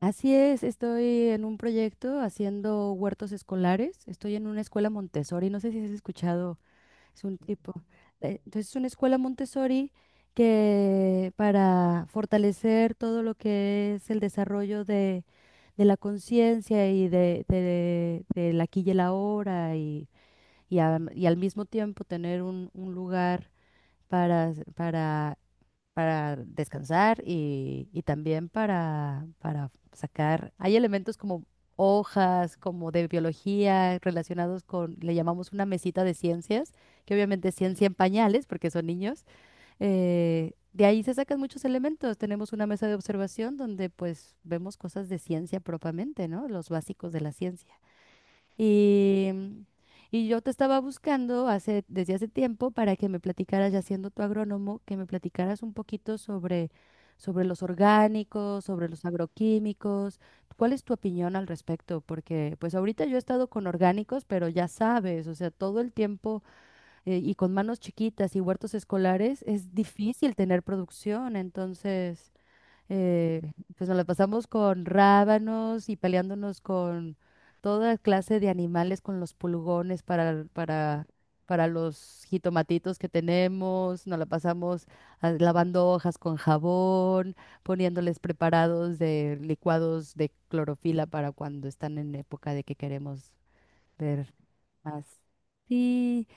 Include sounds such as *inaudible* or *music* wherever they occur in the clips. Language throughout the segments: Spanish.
Así es, estoy en un proyecto haciendo huertos escolares. Estoy en una escuela Montessori, no sé si has escuchado, es un tipo. Entonces, es una escuela Montessori que para fortalecer todo lo que es el desarrollo de la conciencia y del aquí y el ahora y, y al mismo tiempo tener un lugar para, para para descansar y, también para sacar. Hay elementos como hojas, como de biología, relacionados con, le llamamos una mesita de ciencias, que obviamente es ciencia en pañales, porque son niños. De ahí se sacan muchos elementos. Tenemos una mesa de observación donde pues vemos cosas de ciencia propiamente, ¿no? Los básicos de la ciencia. Y, mm, y yo te estaba buscando hace, desde hace tiempo para que me platicaras, ya siendo tu agrónomo, que me platicaras un poquito sobre, sobre los orgánicos, sobre los agroquímicos. ¿Cuál es tu opinión al respecto? Porque pues ahorita yo he estado con orgánicos, pero ya sabes, o sea, todo el tiempo y con manos chiquitas y huertos escolares es difícil tener producción. Entonces eh, pues nos la pasamos con rábanos y peleándonos con toda clase de animales, con los pulgones para los jitomatitos que tenemos. Nos la pasamos lavando hojas con jabón, poniéndoles preparados de licuados de clorofila para cuando están en época de que queremos ver más. Sí,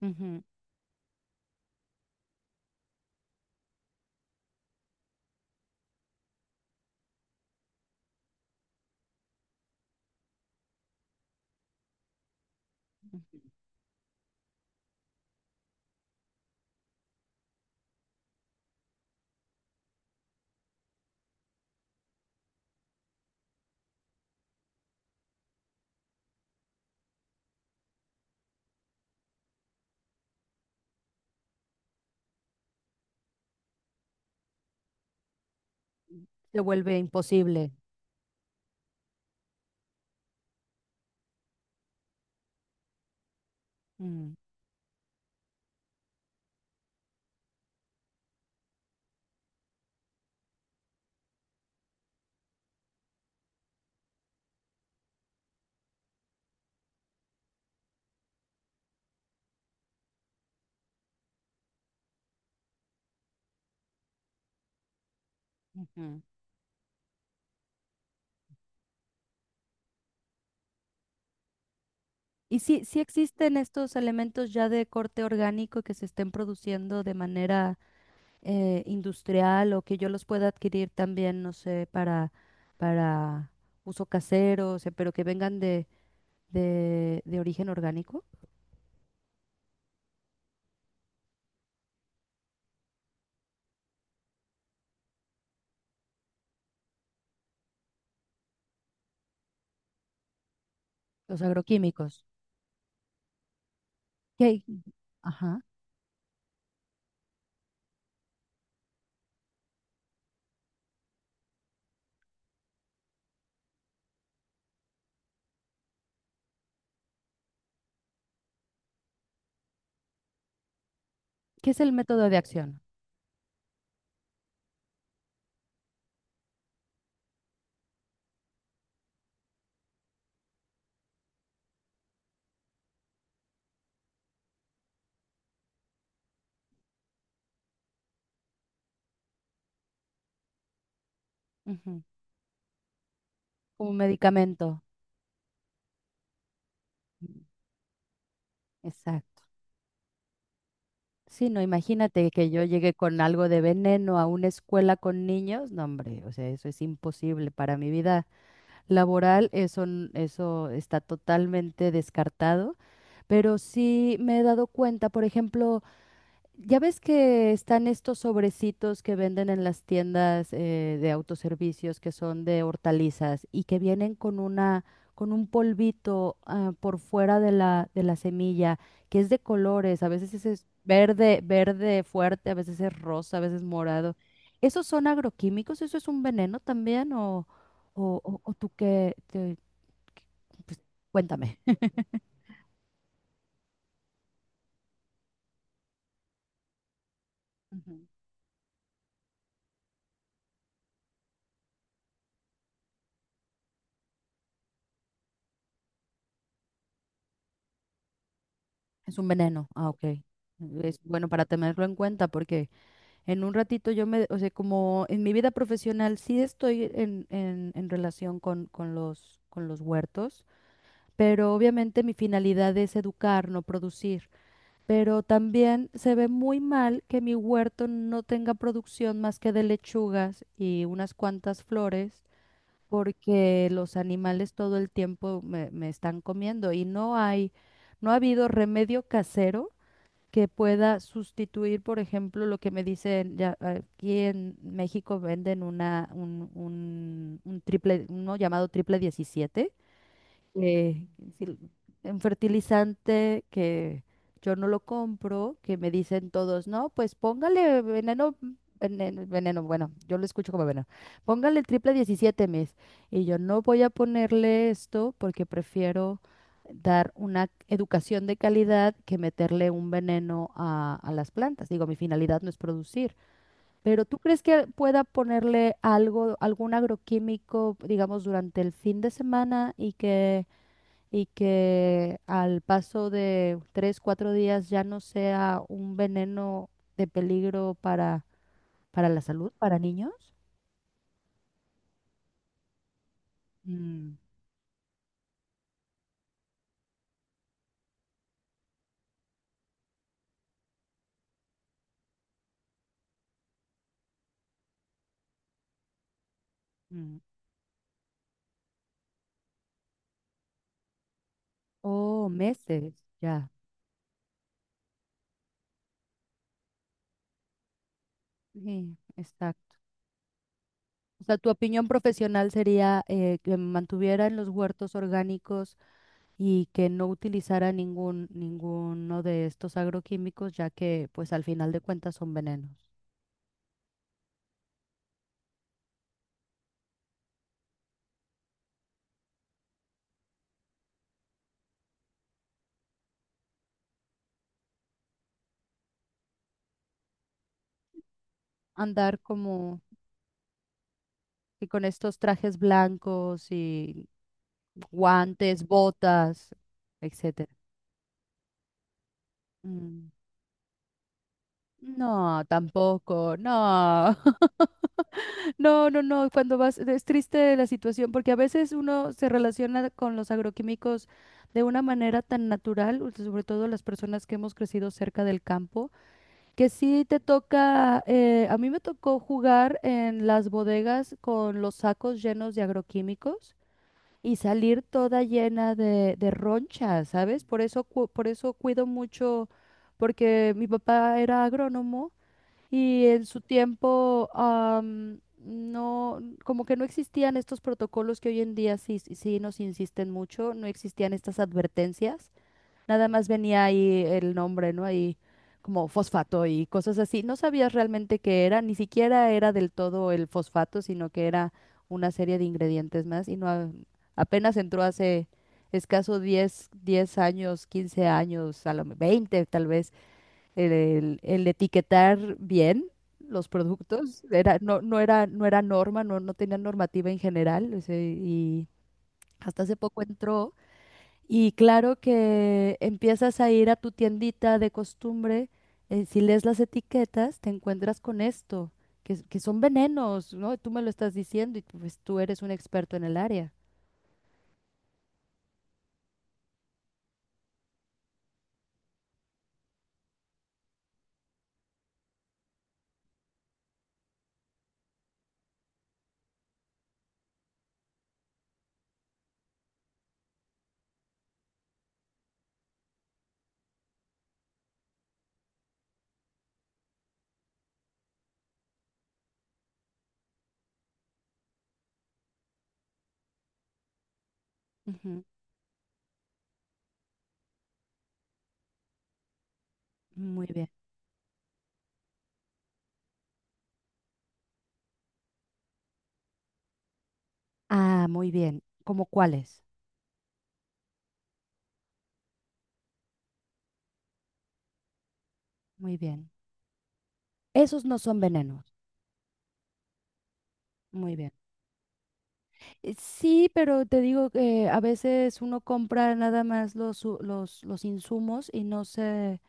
ujú. Se vuelve imposible. Mm, ujú. ¿Y si existen estos elementos ya de corte orgánico que se estén produciendo de manera industrial o que yo los pueda adquirir también, no sé, para, para uso casero, o sea, pero que vengan de origen orgánico? Los agroquímicos. ¿Qué, ajá. ¿Qué es el método de acción? Ujú. Como medicamento. Mm. Exacto. Sí, no, imagínate que yo llegue con algo de veneno a una escuela con niños. No, hombre, o sea, eso es imposible para mi vida. Laboral, eso, eso está totalmente descartado, pero sí me he dado cuenta, por ejemplo, ya ves que están estos sobrecitos que venden en las tiendas de autoservicios que son de hortalizas y que vienen con una, con un polvito por fuera de la semilla, que es de colores, a veces ese es verde, verde fuerte, a veces es rosa, a veces morado. ¿Esos son agroquímicos? ¿Eso es un veneno también? ¿O tú qué? Pues, cuéntame. Ujú. Es un veneno. Ah, ok. Es bueno para tenerlo en cuenta porque... En un ratito yo me, o sea, como en mi vida profesional sí estoy en relación con, con los huertos, pero obviamente mi finalidad es educar, no producir. Pero también se ve muy mal que mi huerto no tenga producción más que de lechugas y unas cuantas flores, porque los animales todo el tiempo me están comiendo y no hay, no ha habido remedio casero que pueda sustituir, por ejemplo, lo que me dicen, ya aquí en México venden una, un triple, uno llamado triple 17 eh, sil- un fertilizante que yo no lo compro, que me dicen todos, no, pues póngale veneno, veneno, veneno", bueno, yo lo escucho como veneno, póngale el triple 17 mes. Y yo no voy a ponerle esto porque prefiero dar una educación de calidad que meterle un veneno a las plantas. Digo, mi finalidad no es producir. Pero ¿tú crees que pueda ponerle algo, algún agroquímico, digamos, durante el fin de semana y que al paso de 3, 4 días ya no sea un veneno de peligro para la salud, para niños? Mm, mm. Oh, meses, ya. Sí, exacto. O sea, tu opinión profesional sería que mantuvieran los huertos orgánicos y que no utilizara ningún, ninguno de estos agroquímicos, ya que pues al final de cuentas son venenos. Andar como y con estos trajes blancos y guantes, botas, etcétera. Mm. No, tampoco, no, *laughs* no, no, no, cuando vas, es triste la situación porque a veces uno se relaciona con los agroquímicos de una manera tan natural, sobre todo las personas que hemos crecido cerca del campo, que sí te toca, a mí me tocó jugar en las bodegas con los sacos llenos de agroquímicos. Y salir toda llena de ronchas, ¿sabes? Por eso, por eso cuido mucho, porque mi papá era agrónomo y en su tiempo no, como que no existían estos protocolos que hoy en día sí, sí nos insisten mucho, no existían estas advertencias. Nada más venía ahí el nombre, ¿no? Ahí como fosfato y cosas así. No sabías realmente qué era, ni siquiera era del todo el fosfato, sino que era una serie de ingredientes más y no apenas entró hace escaso 10, 10 años, 15 años, 20 tal vez, el etiquetar bien los productos. Era, no era norma, no tenía normativa en general, o sea, y hasta hace poco entró. Y claro que empiezas a ir a tu tiendita de costumbre, si lees las etiquetas, te encuentras con esto, que, que son venenos, ¿no? Tú me lo estás diciendo y pues tú eres un experto en el área. Ujú. Muy bien. Ah, muy bien. ¿Cómo cuáles? Muy bien. Esos no son venenos. Muy bien. Sí, pero te digo que a veces uno compra nada más los, los insumos y no se...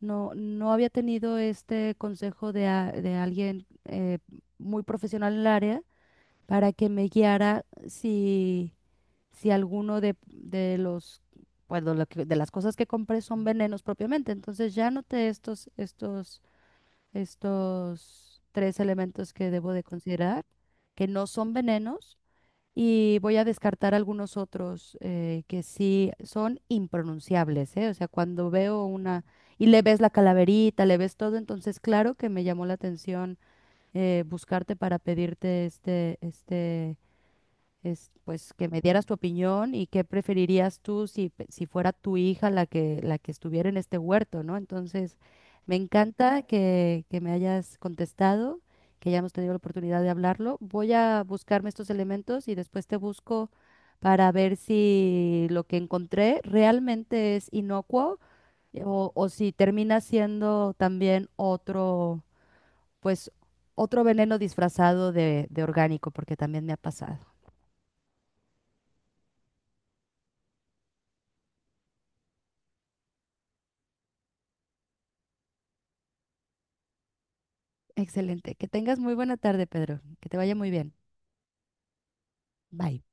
No, no había tenido este consejo de, de alguien muy profesional en el área para que me guiara si alguno de los, pues, de las cosas que compré son venenos propiamente. Entonces ya noté estos tres elementos que debo de considerar, que no son venenos y voy a descartar algunos otros que sí son impronunciables, ¿eh? O sea, cuando veo una y le ves la calaverita, le ves todo, entonces claro que me llamó la atención buscarte para pedirte este es, pues que me dieras tu opinión y qué preferirías tú si, si fuera tu hija la que estuviera en este huerto, ¿no? Entonces, me encanta que me hayas contestado, que hayamos tenido la oportunidad de hablarlo. Voy a buscarme estos elementos y después te busco para ver si lo que encontré realmente es inocuo o si termina siendo también otro, pues, otro veneno disfrazado de orgánico, porque también me ha pasado. Excelente. Que tengas muy buena tarde, Pedro. Que te vaya muy bien. Bye.